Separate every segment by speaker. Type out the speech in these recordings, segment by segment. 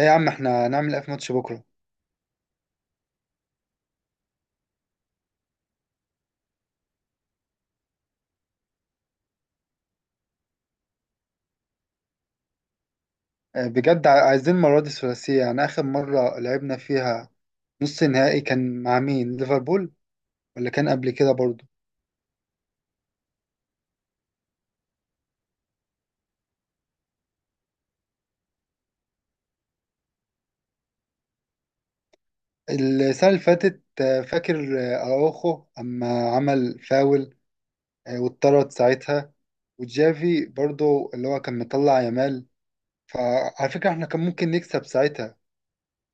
Speaker 1: اي يا عم احنا هنعمل ايه في ماتش بكره؟ بجد عايزين المره دي الثلاثيه. يعني اخر مره لعبنا فيها نص نهائي كان مع مين؟ ليفربول ولا كان قبل كده برضو؟ السنه اللي فاتت، فاكر اراوخو اما عمل فاول واتطرد ساعتها، وجافي برضو اللي هو كان مطلع يامال. فعلى فكره احنا كان ممكن نكسب ساعتها،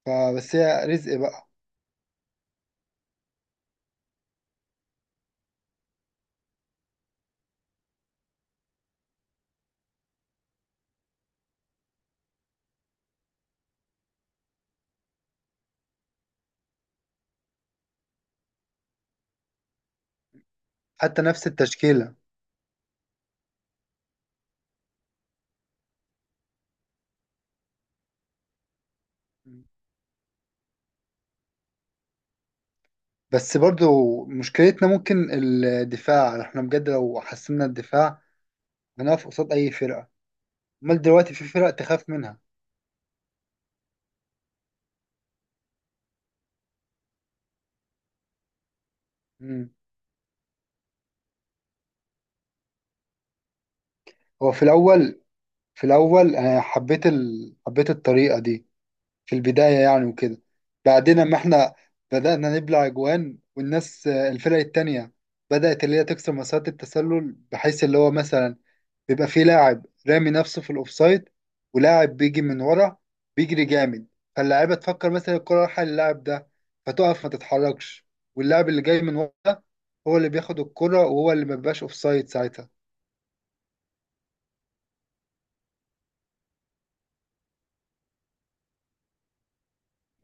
Speaker 1: فبس هي رزق بقى. حتى نفس التشكيله. بس برضو مشكلتنا ممكن الدفاع. احنا بجد لو حسنا الدفاع انا اقف قصاد اي فرقه. امال دلوقتي في فرق تخاف منها؟ امم. هو في الاول، في الاول انا حبيت حبيت الطريقه دي في البدايه يعني وكده. بعدين اما احنا بدانا نبلع اجوان والناس، الفرق التانية بدات اللي هي تكسر مسارات التسلل، بحيث اللي هو مثلا بيبقى في لاعب رامي نفسه في الاوفسايد، ولاعب بيجي من ورا بيجري جامد، فاللاعيبه تفكر مثلا الكره رايحه للاعب ده فتقف ما تتحركش، واللاعب اللي جاي من ورا ده هو اللي بياخد الكره وهو اللي ما بيبقاش اوفسايد ساعتها.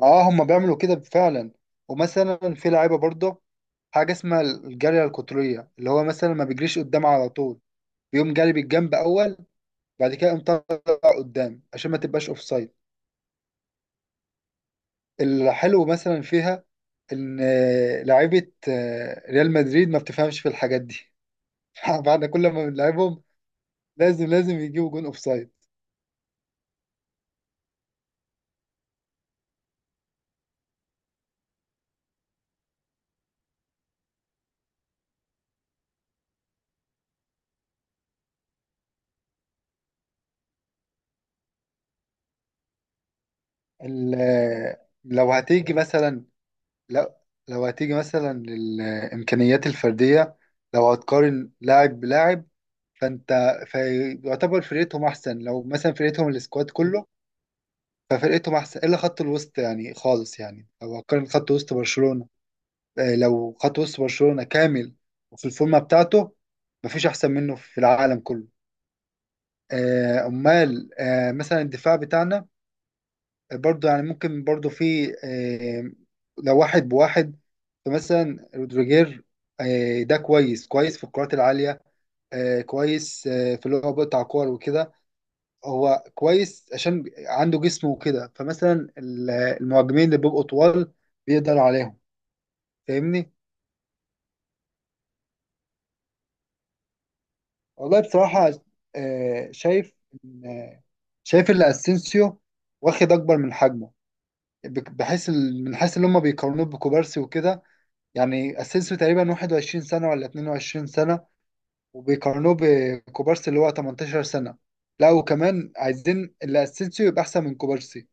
Speaker 1: اه، هما بيعملوا كده فعلا. ومثلا في لعيبه برضه حاجه اسمها الجاريه القطريه، اللي هو مثلا ما بيجريش قدام على طول، بيقوم جاري بالجنب اول، بعد كده يقوم طالع قدام عشان ما تبقاش اوفسايد. الحلو مثلا فيها ان لعيبه ريال مدريد ما بتفهمش في الحاجات دي. بعد كل ما بنلعبهم لازم لازم يجيبوا جون اوفسايد. لو هتيجي مثلا، لو لو هتيجي مثلا للامكانيات الفرديه، لو هتقارن لاعب بلاعب، فانت فيعتبر فرقتهم احسن. لو مثلا فرقتهم السكواد كله، ففرقتهم احسن الا خط الوسط يعني خالص. يعني لو هتقارن خط وسط برشلونه، لو خد وسط برشلونة كامل وفي الفورمة بتاعته، مفيش أحسن منه في العالم كله. آه، أمال آه، مثلا الدفاع بتاعنا، برضو يعني ممكن برضو في لو واحد بواحد، فمثلا رودريجير، ده كويس كويس في الكرات العالية، كويس في اللي هو بيقطع كور وكده. هو كويس عشان عنده جسمه وكده، فمثلا المهاجمين اللي بيبقوا طوال بيقدر عليهم. فاهمني. والله بصراحة آه، شايف إن- آه، شايف ان اسينسيو واخد اكبر من حجمه، بحيث من حيث ان هم بيقارنوه بكوبارسي وكده. يعني اسينسيو تقريبا 21 سنة ولا 22 سنة وبيقارنوه بكوبارسي اللي هو 18 سنة، لا وكمان عايزين اللي اسينسيو يبقى احسن من كوبارسي.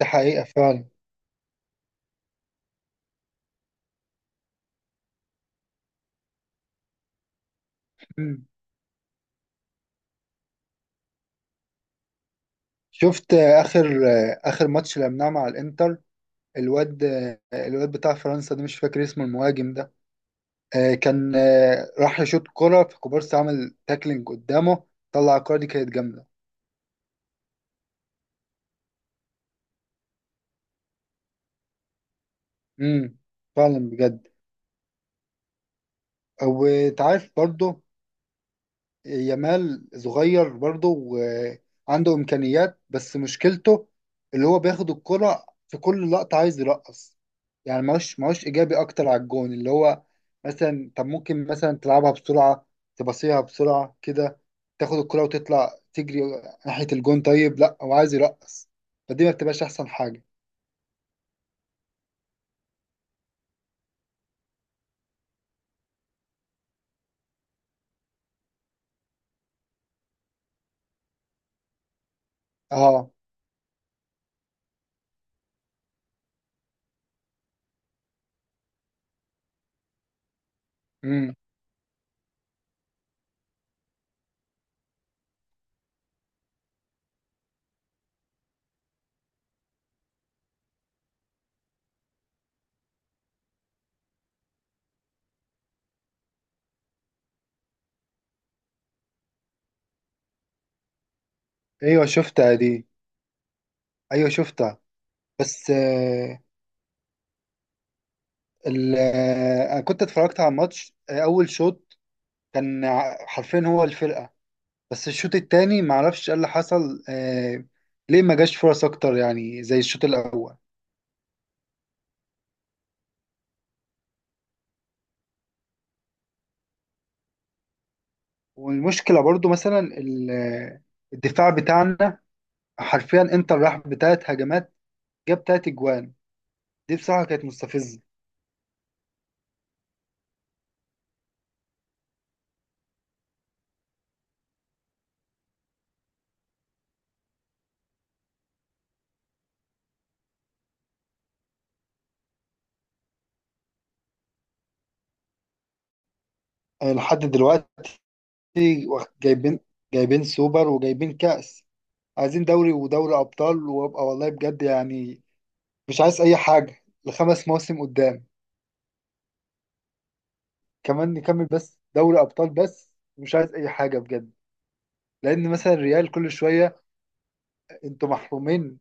Speaker 1: ده حقيقة فعلا. مم. شفت اخر ماتش لعبناه مع الانتر؟ الواد الواد بتاع فرنسا ده مش فاكر اسمه، المهاجم، كان راح يشوط كرة فكوبارسي عمل تاكلينج قدامه، طلع الكرة دي كانت جامدة. امم، فعلا بجد. وتعرف برضه، يامال صغير برضه وعنده إمكانيات، بس مشكلته اللي هو بياخد الكرة في كل لقطة عايز يرقص. يعني ماهوش ماهوش إيجابي أكتر على الجون. اللي هو مثلا طب ممكن مثلا تلعبها بسرعة، تباصيها بسرعة كده، تاخد الكرة وتطلع تجري ناحية الجون. طيب لا، هو عايز يرقص. فدي ما بتبقاش أحسن حاجة. اه. امم. ايوه شفتها دي، ايوه شفتها. بس آه، انا كنت اتفرجت على الماتش، اول شوط كان حرفيا هو الفرقة. بس الشوط التاني معرفش ايه اللي حصل، آه، ليه ما جاش فرص اكتر يعني زي الشوط الاول. والمشكلة برضو مثلا الدفاع بتاعنا، حرفيا انتر راح بتلات هجمات جاب تلات اجوان. دي بصراحة كانت مستفزة. لحد دلوقتي جايبين، جايبين سوبر وجايبين كأس. عايزين دوري ودوري أبطال، وابقى والله بجد يعني مش عايز أي حاجة لخمس مواسم قدام. كمان نكمل بس دوري ابطال بس، مش عايز اي حاجه بجد. لان مثلا الريال كل شويه انتوا محرومين،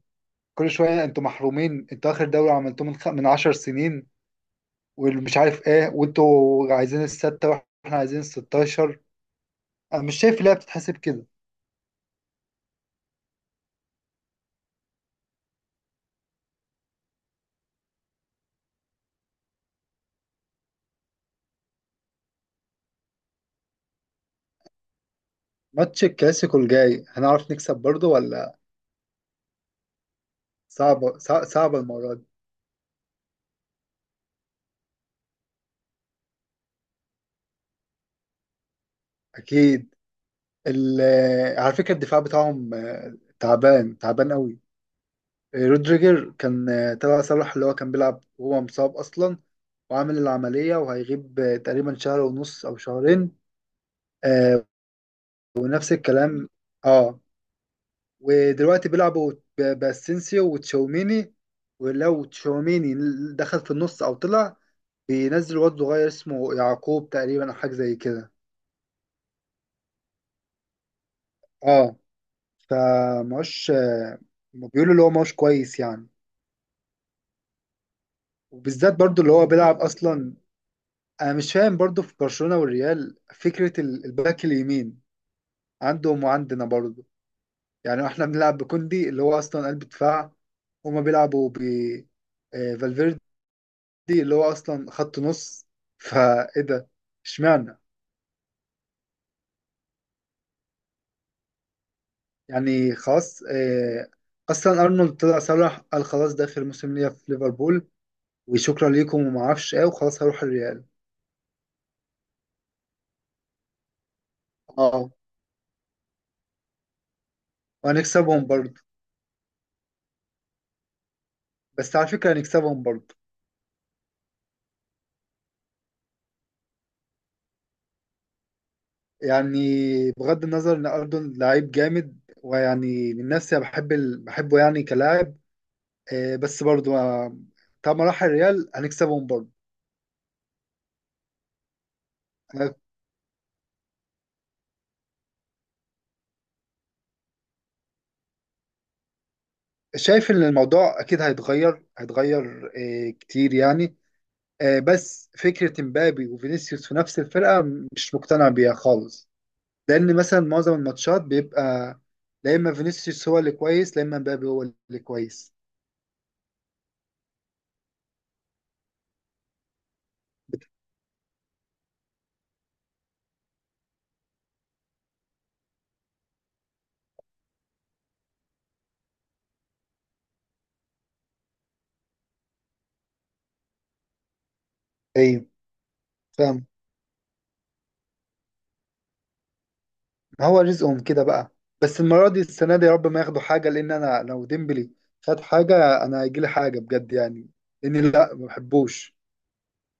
Speaker 1: كل شويه انتوا محرومين، انتوا اخر دوري عملتوه من من 10 سنين والمش عارف ايه، وانتوا عايزين السته واحنا عايزين ال 16. انا مش شايف اللعبه بتتحسب كده. ماتش الكلاسيكو الجاي هنعرف نكسب برضه ولا؟ صعبه المره دي. اكيد. ال... على فكره الدفاع بتاعهم تعبان تعبان قوي. رودريجر كان تبع صلاح اللي هو كان بيلعب وهو مصاب أصلا، وعامل العملية وهيغيب تقريبا شهر ونص أو شهرين، آه، ونفس الكلام. اه. ودلوقتي بيلعبوا باسينسيو وتشاوميني. ولو تشاوميني دخل في النص أو طلع، بينزل واد صغير اسمه يعقوب تقريبا أو حاجة زي كده. اه. فماهوش بيقولوا اللي هو ماهوش كويس يعني. وبالذات برضو اللي هو بيلعب أصلا. انا مش فاهم برضو في برشلونة والريال فكرة الباك اليمين عندهم وعندنا برضو. يعني احنا بنلعب بكوندي اللي هو اصلا قلب دفاع، هما بيلعبوا ب فالفيردي اللي هو اصلا خط نص. فايه ده؟ اشمعنى؟ يعني خلاص. اصلا ارنولد طلع صرح قال خلاص ده اخر موسم ليا في ليفربول، وشكرا ليكم وما اعرفش ايه وخلاص هروح الريال. اه. وهنكسبهم برضو. بس على فكرة هنكسبهم برضو. يعني بغض النظر ان اردن لعيب جامد، ويعني من نفسي أنا بحب بحبه يعني كلاعب، آه، بس برضو آه، طالما راح الريال هنكسبهم برضو. انا شايف ان الموضوع اكيد هيتغير، هيتغير كتير يعني. بس فكرة مبابي وفينيسيوس في نفس الفرقة مش مقتنع بيها خالص. لان مثلا معظم الماتشات بيبقى لا اما فينيسيوس هو اللي كويس، لا اما مبابي هو اللي كويس. ايوه، فاهم. ما هو رزقهم كده بقى. بس المرة دي السنة دي يا رب ما ياخدوا حاجة، لأن أنا لو ديمبلي خد حاجة أنا هيجيلي حاجة بجد يعني، لأني لا ما بحبوش.